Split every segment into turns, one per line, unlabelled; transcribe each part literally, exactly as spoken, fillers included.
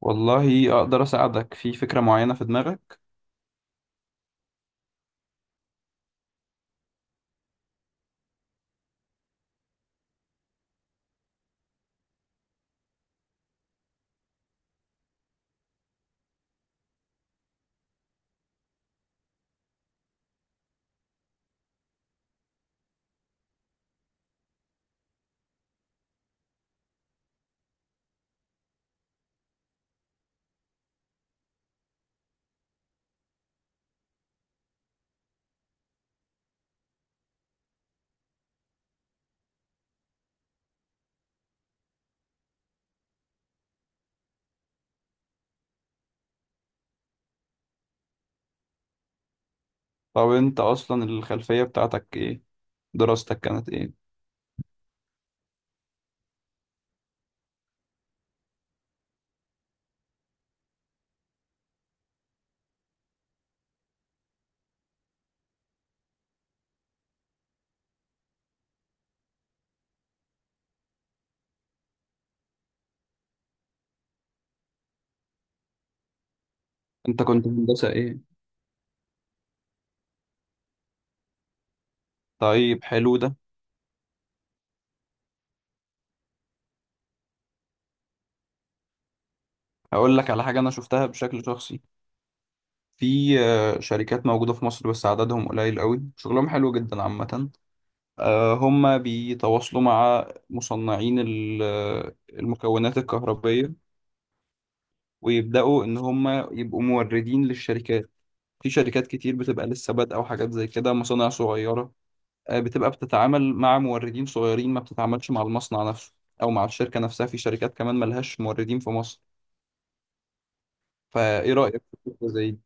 والله اقدر اساعدك في فكرة معينة في دماغك. طب انت اصلا الخلفية بتاعتك ايه؟ دراستك كانت ايه؟ انت كنت هندسة ايه؟ طيب، حلو ده. هقول لك على حاجة انا شفتها بشكل شخصي. في آه، شركات موجودة في مصر بس عددهم قليل قوي، شغلهم حلو جدا عامة. آه، هم بيتواصلوا مع مصنعين ال- آه، المكونات الكهربية، ويبدأوا ان هم يبقوا موردين للشركات. في شركات كتير بتبقى لسه بادئة وحاجات زي كده، مصانع صغيرة، آه، بتبقى بتتعامل مع موردين صغيرين، ما بتتعاملش مع المصنع نفسه او مع الشركه نفسها. في شركات كمان ملهاش موردين في مصر. فايه رايك في فكره زي دي؟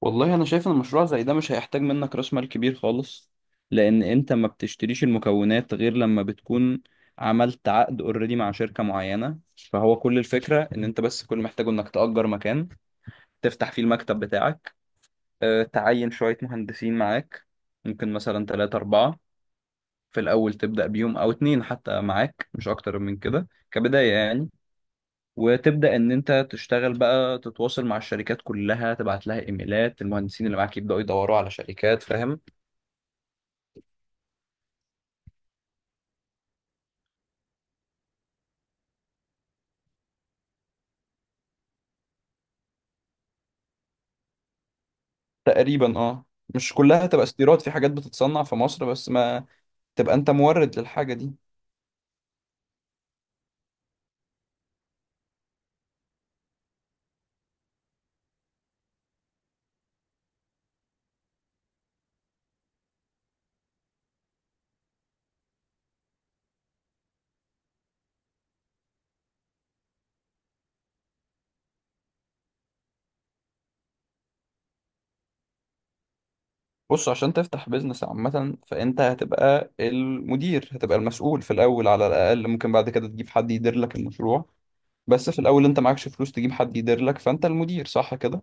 والله انا شايف ان مشروع زي ده مش هيحتاج منك راس مال كبير خالص، لان انت ما بتشتريش المكونات غير لما بتكون عملت عقد اوريدي مع شركه معينه. فهو كل الفكره ان انت بس، كل اللي محتاجه انك تأجر مكان تفتح فيه المكتب بتاعك، آه، تعين شويه مهندسين معاك، ممكن مثلا ثلاثة أربعة. في الأول تبدأ بيوم أو اتنين حتى معاك، مش أكتر من كده كبداية يعني. وتبدأ إن أنت تشتغل بقى، تتواصل مع الشركات كلها، تبعت لها إيميلات، المهندسين اللي معاك يبدأوا يدوروا على شركات، فاهم. تقريبا أه. مش كلها تبقى استيراد، في حاجات بتتصنع في مصر بس، ما تبقى أنت مورد للحاجة دي. بص، عشان تفتح بيزنس عامة فأنت هتبقى المدير، هتبقى المسؤول في الأول على الأقل. ممكن بعد كده تجيب حد يدير لك المشروع، بس في الأول أنت معكش فلوس تجيب حد يدير لك، فأنت المدير، صح كده؟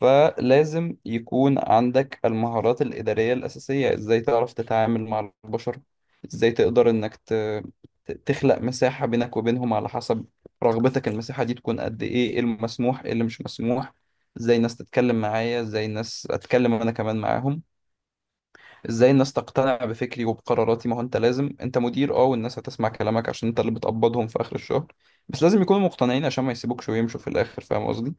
فلازم يكون عندك المهارات الإدارية الأساسية. إزاي تعرف تتعامل مع البشر، إزاي تقدر إنك ت... ت- تخلق مساحة بينك وبينهم على حسب رغبتك. المساحة دي تكون قد إيه، إيه المسموح، إيه اللي مش مسموح، إزاي الناس تتكلم معايا، إزاي الناس أتكلم أنا كمان معاهم، إزاي الناس تقتنع بفكري وبقراراتي. ما هو أنت لازم، أنت مدير، أه، والناس هتسمع كلامك عشان أنت اللي بتقبضهم في آخر الشهر، بس لازم يكونوا مقتنعين عشان ما يسيبوكش ويمشوا في الآخر، فاهم قصدي؟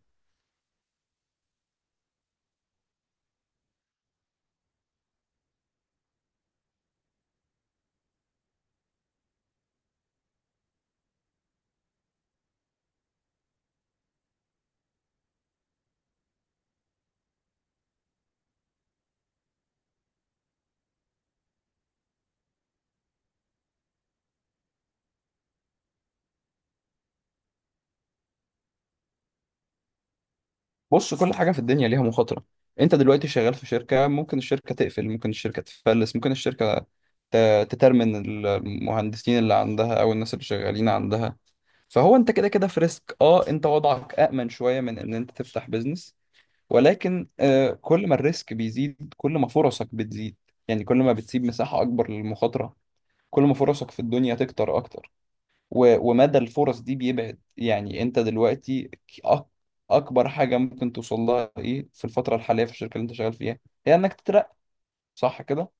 بص، كل حاجة في الدنيا ليها مخاطرة. انت دلوقتي شغال في شركة، ممكن الشركة تقفل، ممكن الشركة تفلس، ممكن الشركة ت- تترمن المهندسين اللي عندها او الناس اللي شغالين عندها. فهو انت كده كده في ريسك. اه، انت وضعك أأمن شوية من ان انت تفتح بيزنس، ولكن آه، كل ما الريسك بيزيد كل ما فرصك بتزيد. يعني كل ما بتسيب مساحة اكبر للمخاطرة، كل ما فرصك في الدنيا تكتر اكتر، و- ومدى الفرص دي بيبعد. يعني انت دلوقتي ك- أك- اكبر حاجه ممكن توصل لها ايه في الفتره الحاليه في الشركه اللي انت شغال فيها، هي انك تترقى، صح كده؟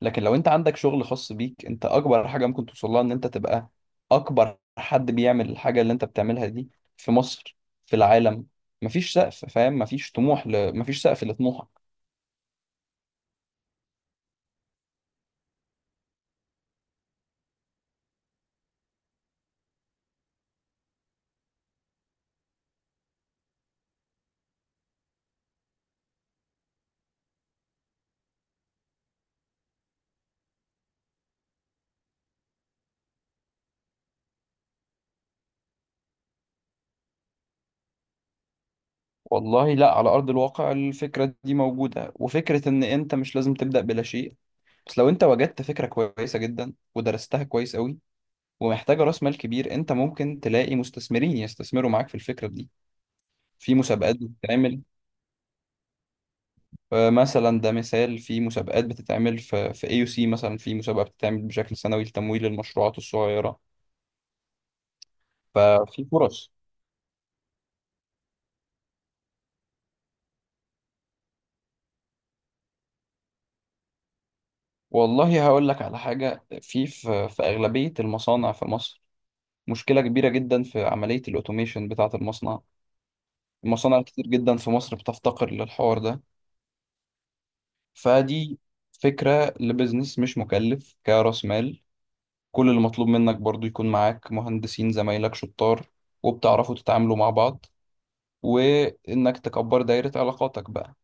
لكن لو انت عندك شغل خاص بيك، انت اكبر حاجه ممكن توصل لها ان انت تبقى اكبر حد بيعمل الحاجه اللي انت بتعملها دي في مصر، في العالم. مفيش سقف، فاهم؟ مفيش طموح ل... مفيش سقف لطموحك. والله لا، على ارض الواقع الفكره دي موجوده، وفكره ان انت مش لازم تبدا بلا شيء. بس لو انت وجدت فكرة كويسة جدا ودرستها كويس قوي ومحتاجة راس مال كبير، انت ممكن تلاقي مستثمرين يستثمروا معاك في الفكرة دي. في مسابقات بتتعمل، آه، مثلا ده مثال، في مسابقات بتتعمل في في اي سي مثلا، في مسابقة بتتعمل بشكل سنوي لتمويل المشروعات الصغيرة. ففي فرص. والله هقول لك على حاجة، في في في أغلبية المصانع في مصر مشكلة كبيرة جدا في عملية الأوتوميشن بتاعة المصنع. المصانع كتير جدا في مصر بتفتقر للحوار ده. فدي فكرة لبزنس مش مكلف كرأس مال. كل اللي مطلوب منك برضو يكون معاك مهندسين زمايلك شطار، وبتعرفوا تتعاملوا مع بعض، وإنك تكبر دايرة علاقاتك بقى.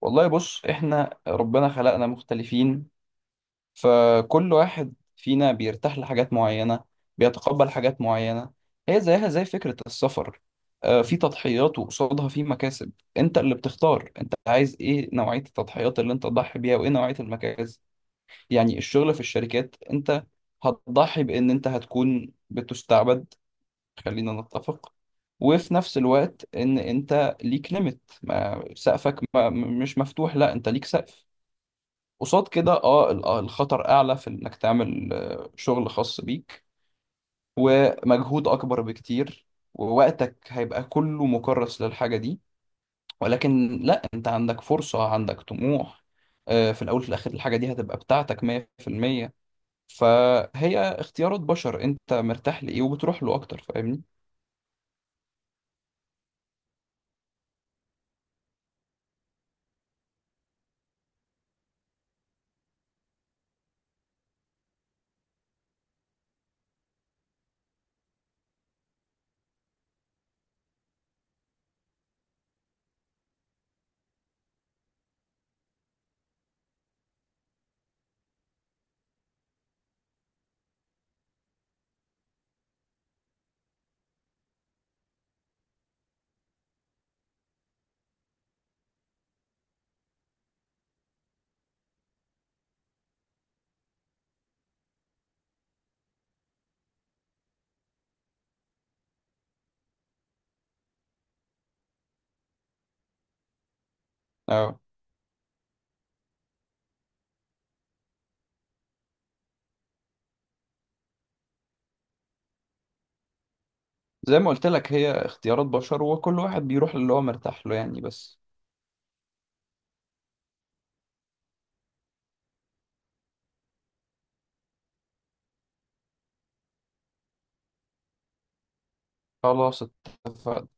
والله بص، إحنا ربنا خلقنا مختلفين، فكل واحد فينا بيرتاح لحاجات معينة، بيتقبل حاجات معينة. هي زيها زي فكرة السفر. آه، في تضحيات وقصادها في مكاسب، انت اللي بتختار انت عايز ايه، نوعية التضحيات اللي انت تضحي بيها وايه نوعية المكاسب. يعني الشغل في الشركات انت هتضحي بان انت هتكون بتستعبد، خلينا نتفق، وفي نفس الوقت ان انت ليك ليميت، ما سقفك ما م- مش مفتوح، لا انت ليك سقف. قصاد كده اه ال- آه، الخطر اعلى في انك تعمل آه، شغل خاص بيك ومجهود اكبر بكتير، ووقتك هيبقى كله مكرس للحاجة دي. ولكن لا، انت عندك فرصة، عندك طموح. آه، في الاول وفي الاخر الحاجة دي هتبقى بتاعتك مية في المية. فهي اختيارات بشر، انت مرتاح لايه وبتروح له اكتر، فاهمني؟ اه، زي ما قلت لك هي اختيارات بشر، وكل واحد بيروح للي هو مرتاح له يعني. بس خلاص، اتفقنا.